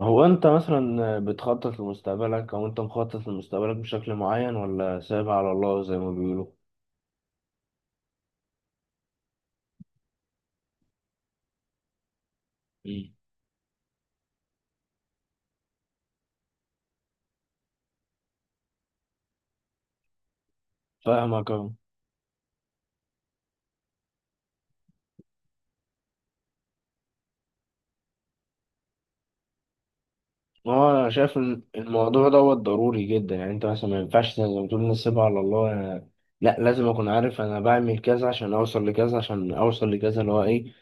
هو انت مثلا بتخطط لمستقبلك او انت مخطط لمستقبلك بشكل معين، ولا سايبها على الله زي ما بيقولوا؟ مم. فاهمك اهو. هو انا شايف ان الموضوع دوت ضروري جدا، يعني انت مثلا ما ينفعش زي ما بتقول نسيبها على الله. أنا- لا، لازم اكون عارف انا بعمل كذا عشان اوصل لكذا عشان اوصل لكذا اللي هو ايه.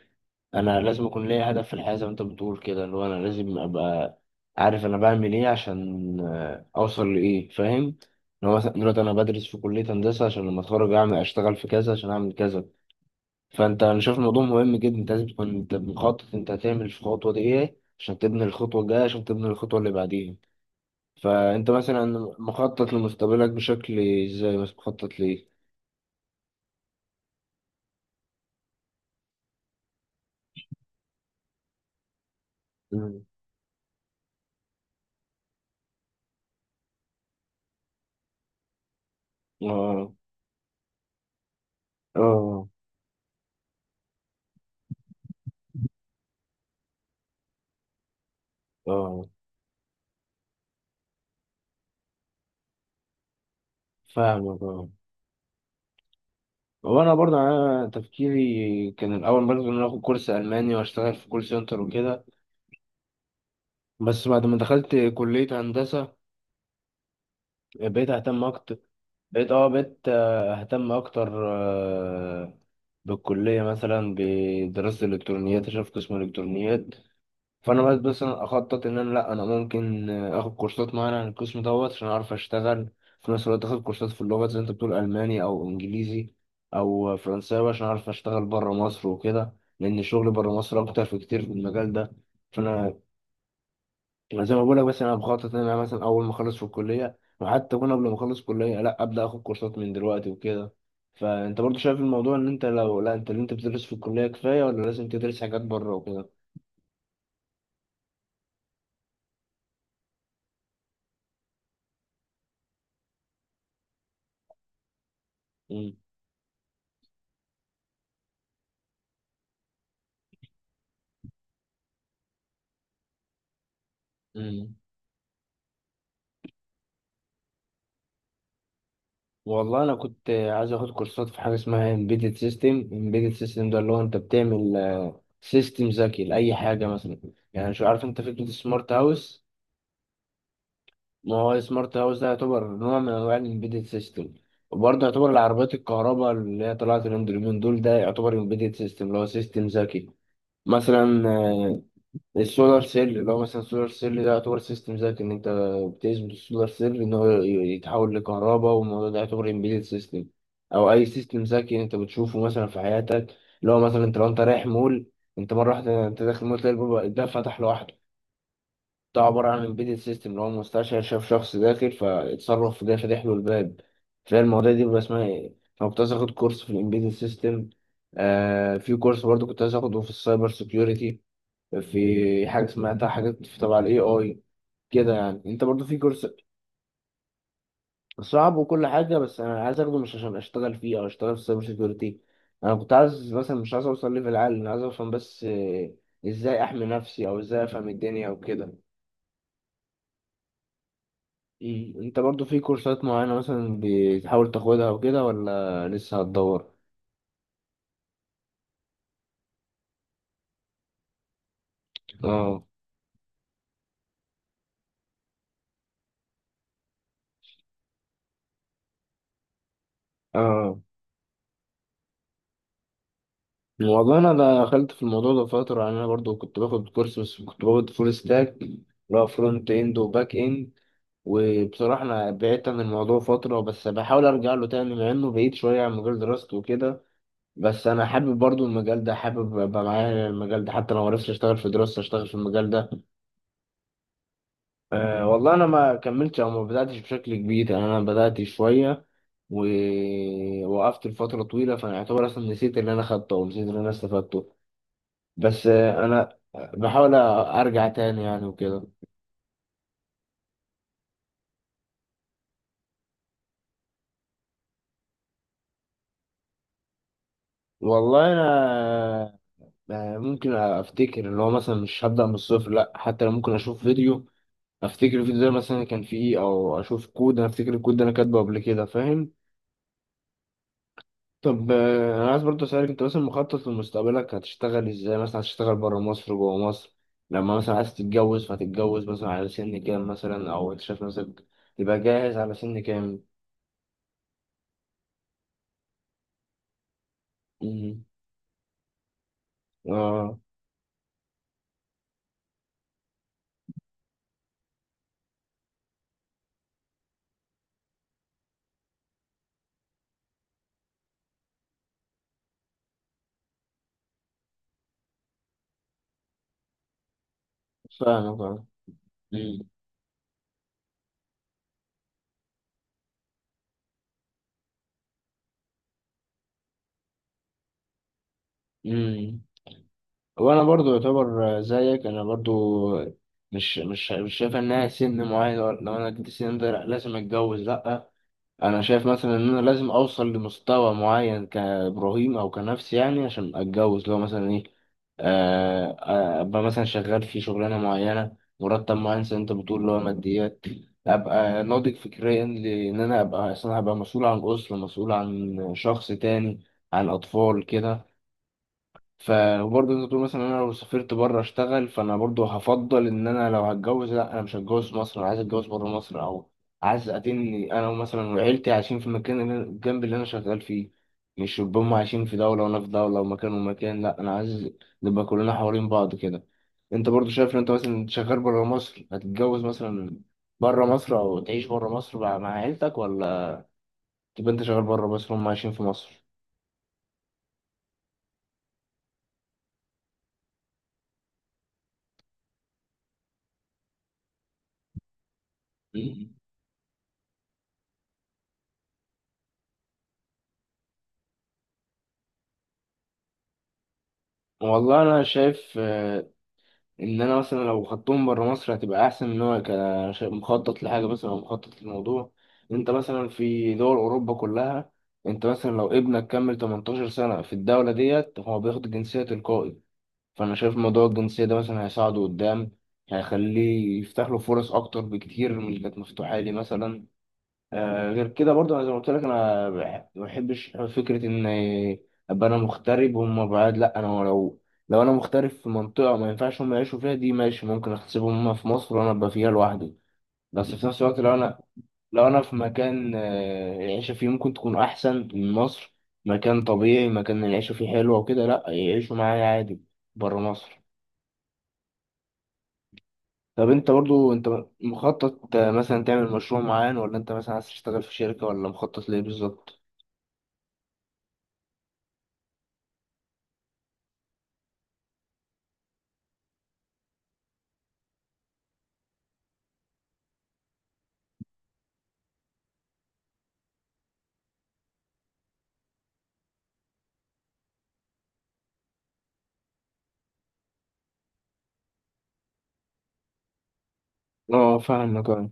انا لازم اكون ليا هدف في الحياه زي ما انت بتقول كده، اللي هو انا لازم ابقى عارف انا بعمل ايه عشان اوصل لايه، فاهم؟ ان هو مثلا دلوقتي انا بدرس في كليه هندسه عشان لما اتخرج اعمل اشتغل في كذا عشان اعمل كذا. فانت، انا شايف الموضوع مهم جدا، انت لازم تكون انت مخطط انت هتعمل في الخطوه دي ايه عشان تبني الخطوه الجايه عشان تبني الخطوه اللي بعديها. فانت مثلا مخطط لمستقبلك بشكل ازاي؟ بس مخطط ليه؟ مم. اه. اه. اه. فاهمك، اه. هو انا برضه يعني انا تفكيري كان الاول برضه ان انا اخد كورس الماني واشتغل في كول سنتر وكده. بس بعد ما دخلت كليه هندسه بقيت اهتم اكتر بقيت اه بقيت آه، اهتم اكتر آه، بالكليه مثلا بدراسه الالكترونيات عشان في قسم الالكترونيات. فانا بس مثلا اخطط ان انا لا انا ممكن اخد كورسات معينه عن القسم دوت عشان اعرف اشتغل في نفس الوقت اخد كورسات في اللغات زي انت بتقول الماني او انجليزي او فرنساوي عشان اعرف اشتغل بره مصر وكده، لان الشغل بره مصر اكتر، في كتير في المجال ده. فانا أنا زي ما بقول لك، بس انا بخطط ان انا مثلا اول ما اخلص في الكليه، وحتى اكون قبل ما اخلص كليه، لا ابدا اخد كورسات من دلوقتي وكده. فانت برضو شايف الموضوع، ان انت لو لا انت اللي انت بتدرس في الكليه كفايه، ولا لازم تدرس حاجات بره وكده؟ امم والله انا كنت عايز اخد كورسات في حاجه اسمها embedded system. embedded system ده اللي هو انت بتعمل سيستم ذكي لاي حاجه مثلا. يعني شو عارف انت فكره السمارت هاوس؟ ما هو سمارت هاوس ده يعتبر نوع من انواع الامبيدد سيستم. وبرضه يعتبر العربيات الكهرباء اللي هي طلعت اليومين دول، ده يعتبر امبيدد سيستم اللي هو سيستم ذكي. مثلا السولار سيل، اللي هو مثلا السولار سيل ده يعتبر سيستم ذكي، ان انت بتثبت السولار سيل ان هو يتحول لكهرباء. والموضوع ده يعتبر امبيدد سيستم، او اي سيستم ذكي انت بتشوفه مثلا في حياتك. اللي هو مثلا انت لو رايح مول، مره واحده انت داخل مول، تلاقي الباب فتح لوحده. ده عباره عن امبيدد سيستم، اللي هو المستشعر شاف شخص داخل فاتصرف في ده فتح له الباب. فالمواضيع دي بيبقى اسمها ايه. انا كنت عايز اخد كورس في الامبيدد سيستم. في كورس برضه كنت عايز اخده في السايبر سيكيورتي. في حاجة سمعتها، حاجات في تبع الاي اي كده، يعني انت برضو في كورس. صعب وكل حاجة، بس انا عايز اخده مش عشان اشتغل فيه او اشتغل في سايبر سيكيورتي. انا كنت عايز مثلا، مش عايز اوصل ليفل عالي، انا عايز افهم بس ازاي احمي نفسي او ازاي افهم الدنيا وكده. إيه، انت برضو في كورسات معينة مثلا بتحاول تاخدها وكده، ولا لسه هتدور؟ اه. اه. والله انا دخلت في الموضوع ده فترة يعني. انا برضو كنت باخد كورس، بس كنت باخد فول ستاك، اللي هو فرونت اند وباك اند. وبصراحة أنا بعدت عن الموضوع فترة، بس بحاول أرجع له تاني، مع إنه بعيد شوية عن مجال دراستي وكده. بس أنا حابب برضو المجال ده، حابب أبقى معايا المجال ده، حتى لو معرفتش أشتغل في دراستي أشتغل في المجال ده. أه، والله أنا ما كملتش أو ما بدأتش بشكل كبير، يعني أنا بدأت شوية ووقفت لفترة طويلة، فأنا أعتبر أصلا نسيت اللي أنا خدته أو نسيت اللي أنا استفدته. بس أنا بحاول أرجع تاني يعني وكده. والله أنا ممكن افتكر، اللي هو مثلا مش هبدأ من الصفر، لا، حتى لو ممكن اشوف فيديو افتكر الفيديو ده مثلا كان فيه ايه، او اشوف كود انا افتكر الكود ده انا كاتبه قبل كده، فاهم. طب انا عايز برضه اسالك، انت مثلا مخطط لمستقبلك هتشتغل ازاي، مثلا هتشتغل بره مصر جوه مصر؟ لما مثلا عايز تتجوز، فهتتجوز مثلا على سن كام، مثلا، او انت شايف نفسك تبقى جاهز على سن كام؟ امم اه، فاهمك، اه. مم. مم. وانا برضو يعتبر زيك، انا برضو مش شايف انها سن معين، لو انا جبت السن ده، لأ، لازم اتجوز، لا. انا شايف مثلا ان انا لازم اوصل لمستوى معين كابراهيم او كنفسي يعني عشان اتجوز. لو مثلا ايه، ابقى مثلا شغال في شغلانه معينه، مرتب معين، زي انت بتقول اللي هو ماديات، ابقى ناضج فكريا، لان انا ابقى اصلا هبقى مسؤول عن اسره، مسؤول عن شخص تاني، عن اطفال كده. فبرضه انت تقول مثلا انا لو سافرت بره اشتغل، فانا برضه هفضل ان انا لو هتجوز، لا، انا مش هتجوز في مصر، انا عايز اتجوز بره مصر، او عايز اتني انا مثلا وعيلتي عايشين في المكان اللي الجنب اللي انا شغال فيه. مش يبقى هم عايشين في دولة وانا في دولة ومكان ومكان، لا، انا عايز نبقى كلنا حوالين بعض كده. انت برضه شايف ان انت مثلا شغال بره مصر هتتجوز مثلا بره مصر، او تعيش بره مصر مع عيلتك، ولا تبقى انت شغال بره مصر هم عايشين في مصر؟ مم. والله انا شايف ان انا مثلا لو خدتهم بره مصر هتبقى احسن، ان هو مخطط لحاجه مثلا او مخطط للموضوع. انت مثلا في دول اوروبا كلها، انت مثلا لو ابنك كمل 18 سنه في الدوله ديت هو بياخد جنسيه تلقائي. فانا شايف موضوع الجنسيه ده مثلا هيساعده قدام، هيخليه يفتح له فرص اكتر بكتير من اللي كانت مفتوحه لي مثلا. غير كده برضه انا زي ما قلت لك، انا ما بحبش فكره ان ابقى انا مغترب وهم بعاد. لا، انا لو انا مغترب في منطقه ما ينفعش هم يعيشوا فيها، دي ماشي، ممكن احسبهم هم في مصر وانا ابقى فيها لوحدي. بس في نفس الوقت لو انا في مكان العيشه فيه ممكن تكون احسن من مصر، مكان طبيعي، مكان العيشه فيه حلوه وكده، لا يعيشوا معايا عادي بره مصر. طب انت برضو مخطط مثلا تعمل مشروع معين، ولا انت مثلا عايز تشتغل في شركه، ولا مخطط ليه بالظبط؟ اه، فاهمك، اه.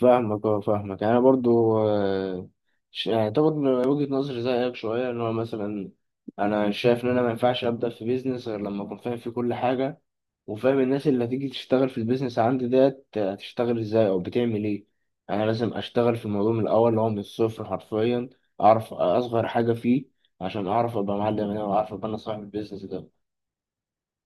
فاهمك، اه. فاهمك، يعني انا برضو يعني طبعا وجهة نظري زيك شوية، ان هو مثلا انا شايف ان انا ما ينفعش ابدا في بيزنس غير لما اكون فاهم فيه كل حاجة، وفاهم الناس اللي هتيجي تشتغل في البيزنس عندي ديت هتشتغل ازاي او بتعمل ايه. يعني انا لازم اشتغل في الموضوع من الاول، اللي هو من الصفر حرفيا، اعرف اصغر حاجة فيه، عشان اعرف ابقى معلم انا، واعرف ابقى انا صاحب البيزنس ده.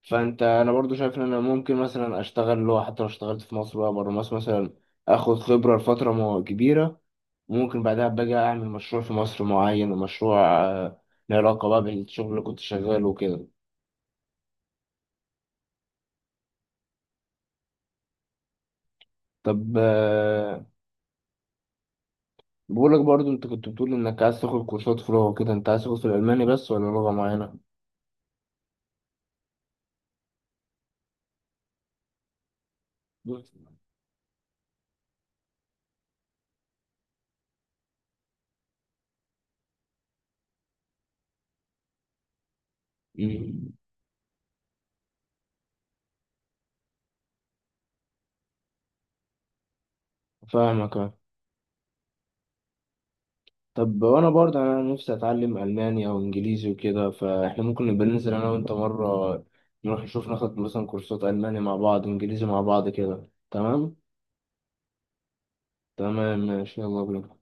انا برضو شايف ان انا ممكن مثلا اشتغل، اللي هو حتى لو اشتغلت في مصر، بقى بره مصر مثلا اخد خبره لفتره كبيره. ممكن بعدها باجي اعمل مشروع في مصر معين، ومشروع له علاقه بقى بالشغل اللي كنت شغاله وكده. طب بقولك برضو، انت كنت بتقول انك عايز تاخد كورسات في لغه كده، انت عايز تاخد في الالماني بس، ولا لغه معينه؟ مم. فاهمك. طب وانا برضه يعني انا نفسي اتعلم الماني او انجليزي وكده، فاحنا ممكن نبقى ننزل انا وانت مره، نروح نشوف ناخد مثلا كورسات الماني مع بعض، انجليزي مع بعض كده، تمام. تمام ماشي، يلا بينا.